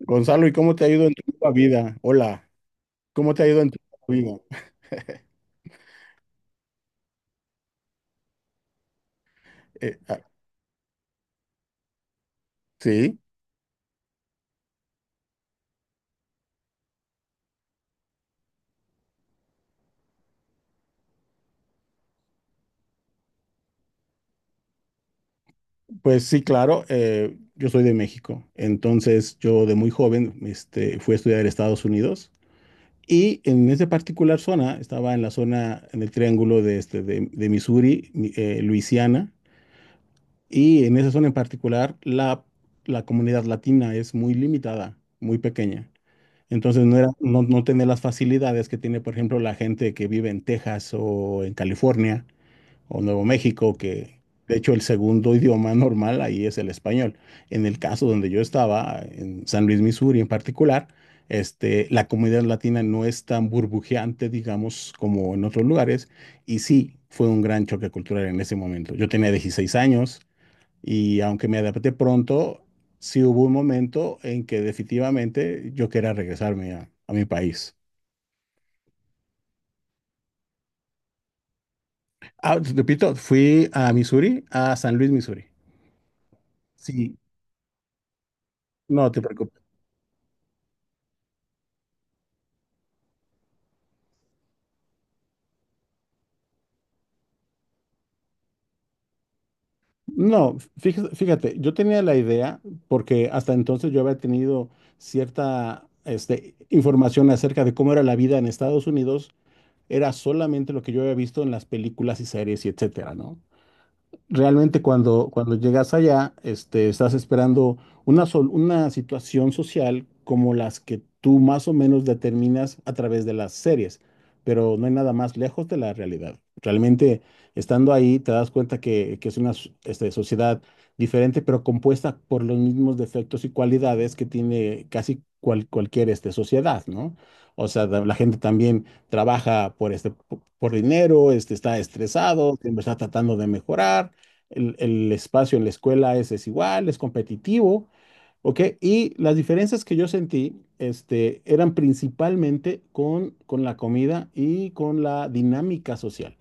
Gonzalo, ¿y cómo te ha ido en tu nueva vida? Hola, ¿cómo te ha ido en tu nueva vida? Eh, ah, sí, pues sí, claro, yo soy de México, entonces yo de muy joven fui a estudiar a Estados Unidos y en esa particular zona, estaba en la zona, en el triángulo de Missouri, Luisiana, y en esa zona en particular la comunidad latina es muy limitada, muy pequeña. Entonces no era, no, no tenía las facilidades que tiene, por ejemplo, la gente que vive en Texas o en California o Nuevo México, que de hecho el segundo idioma normal ahí es el español. En el caso donde yo estaba, en San Luis, Missouri en particular, la comunidad latina no es tan burbujeante, digamos, como en otros lugares. Y sí, fue un gran choque cultural en ese momento. Yo tenía 16 años y aunque me adapté pronto, sí hubo un momento en que definitivamente yo quería regresarme a mi país. Ah, te repito, fui a Missouri, a San Luis, Missouri. Sí, no te preocupes. No, fíjate, yo tenía la idea, porque hasta entonces yo había tenido cierta información acerca de cómo era la vida en Estados Unidos, era solamente lo que yo había visto en las películas y series y etcétera, ¿no? Realmente cuando llegas allá, estás esperando una situación social como las que tú más o menos determinas a través de las series, pero no hay nada más lejos de la realidad. Realmente, estando ahí, te das cuenta que es una sociedad diferente, pero compuesta por los mismos defectos y cualidades que tiene casi cualquier sociedad, ¿no? O sea, la gente también trabaja por por dinero, está estresado, siempre está tratando de mejorar el espacio en la escuela es desigual, es competitivo, ¿ok? Y las diferencias que yo sentí, eran principalmente con la comida y con la dinámica social.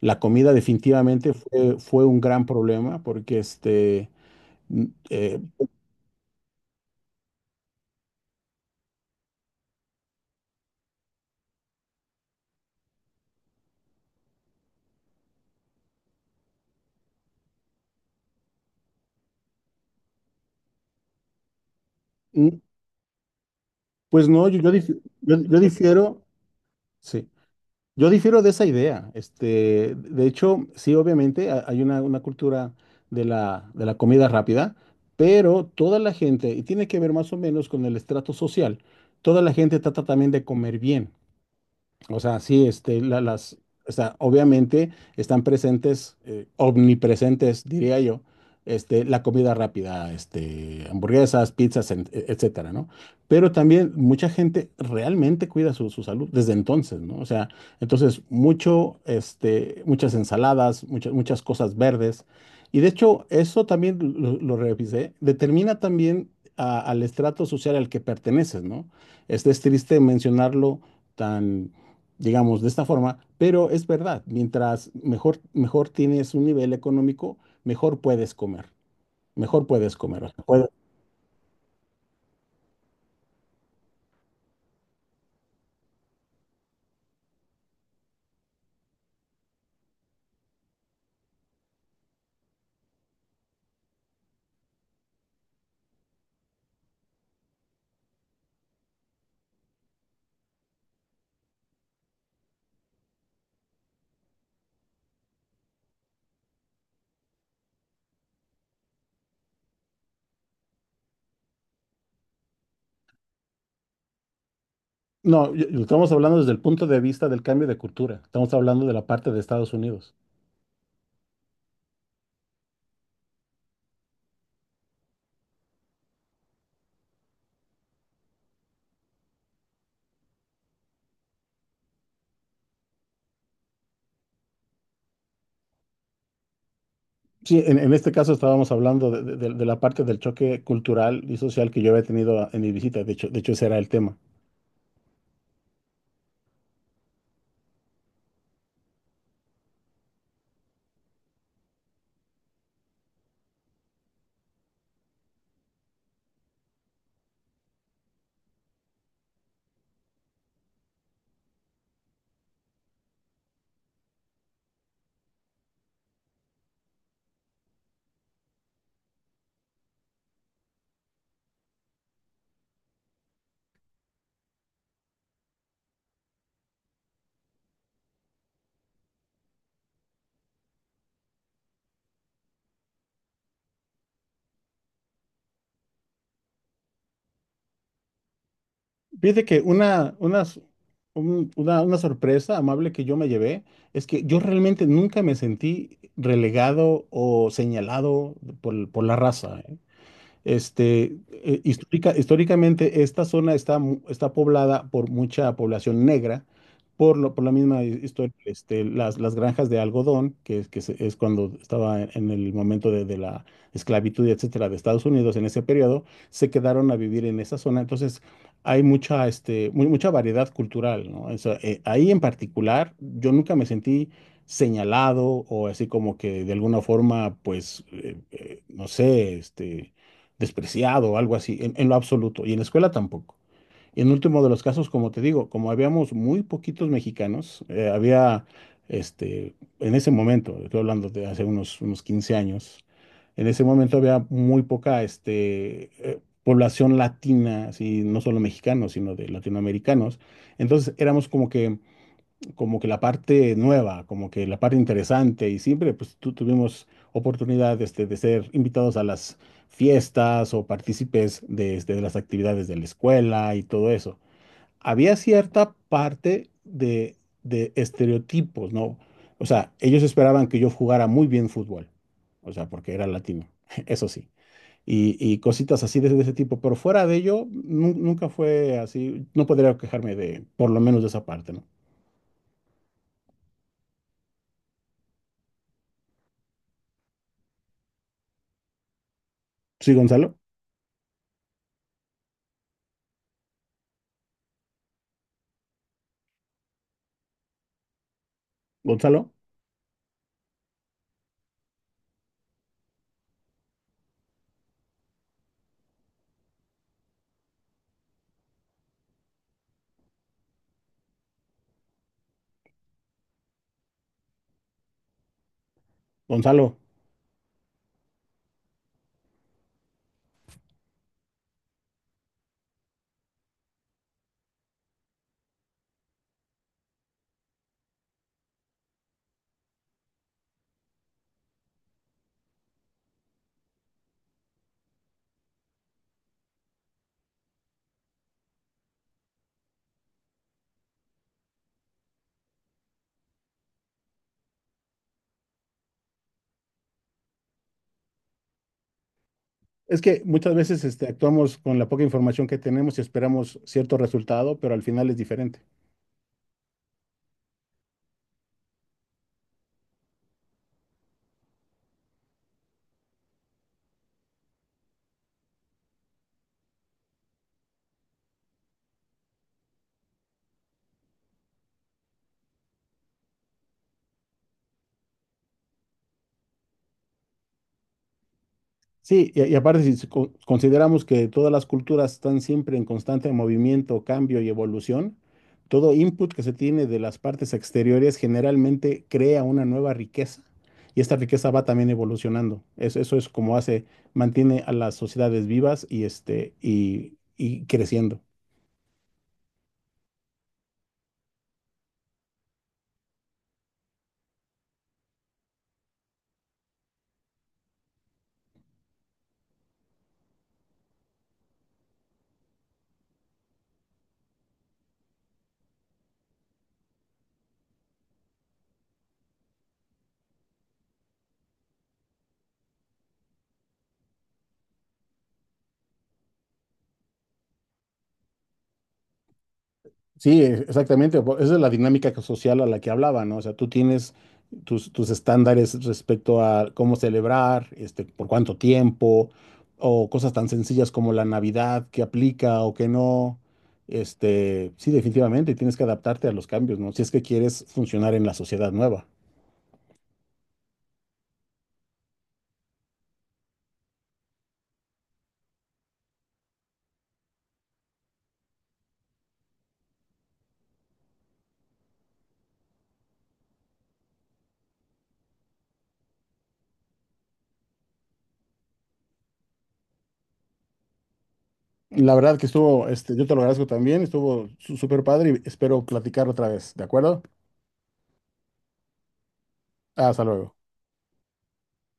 La comida definitivamente fue un gran problema porque, mm, eh, mm, pues no, yo difiero, sí. Yo difiero de esa idea. De hecho, sí, obviamente hay una cultura de la comida rápida, pero toda la gente, y tiene que ver más o menos con el estrato social, toda la gente trata también de comer bien. O sea, sí, las, o sea, obviamente están presentes, omnipresentes, diría yo, la comida rápida, hamburguesas, pizzas, etcétera, ¿no? Pero también mucha gente realmente cuida su salud desde entonces, ¿no? O sea, entonces mucho, muchas ensaladas, muchas cosas verdes. Y de hecho, eso también lo revisé, determina también al estrato social al que perteneces, ¿no? Este es triste mencionarlo tan digamos, de esta forma, pero es verdad, mejor tienes un nivel económico, mejor puedes comer, mejor puedes comer. O sea, puede- No, estamos hablando desde el punto de vista del cambio de cultura, estamos hablando de la parte de Estados Unidos. Sí, en este caso estábamos hablando de la parte del choque cultural y social que yo había tenido en mi visita, de hecho ese era el tema. Fíjate que una, unas- un- una sorpresa amable que yo me llevé es que yo realmente nunca me sentí relegado o señalado por la raza. ¿Eh? Históricamente esta zona está, está poblada por mucha población negra, por la misma historia, las granjas de algodón, que, es- que se- es cuando estaba en el momento de la esclavitud, etcétera, de Estados Unidos en ese periodo, se quedaron a vivir en esa zona. Entonces, hay mucha, mucha variedad cultural, ¿no? O sea, ahí en particular, yo nunca me sentí señalado o así como que de alguna forma, pues, no sé, despreciado o algo así, en lo absoluto, y en la escuela tampoco. Y en último de los casos, como te digo, como habíamos muy poquitos mexicanos, había, este, en ese momento, estoy hablando de hace unos 15 años, en ese momento había muy poca, población latina, así, no solo mexicanos, sino de latinoamericanos. Entonces éramos como que la parte nueva, como que la parte interesante y siempre pues tuvimos oportunidad de ser invitados a las fiestas o partícipes de las actividades de la escuela y todo eso. Había cierta parte de estereotipos, ¿no? O sea, ellos esperaban que yo jugara muy bien fútbol, o sea, porque era latino, eso sí. Y cositas así de ese tipo, pero fuera de ello, nunca fue así, no podría quejarme de, por lo menos de esa parte, ¿no? Sí, Gonzalo. Gonzalo, Gonzalo, es que muchas veces actuamos con la poca información que tenemos y esperamos cierto resultado, pero al final es diferente. Sí, y aparte si consideramos que todas las culturas están siempre en constante movimiento, cambio y evolución, todo input que se tiene de las partes exteriores generalmente crea una nueva riqueza y esta riqueza va también evolucionando. Es- eso es como hace, mantiene a las sociedades vivas y, y creciendo. Sí, e- exactamente. Po- esa es la dinámica que- social a la que hablaba, ¿no? O sea, tú tienes tus estándares respecto a cómo celebrar, por cuánto tiempo, o cosas tan sencillas como la Navidad, que aplica o que no. Sí, definitivamente, tienes que adaptarte a los cambios, ¿no? Si es que quieres funcionar en la sociedad nueva. La verdad que estuvo, yo te lo agradezco también, estuvo súper padre y espero platicar otra vez, ¿de acuerdo? Hasta luego.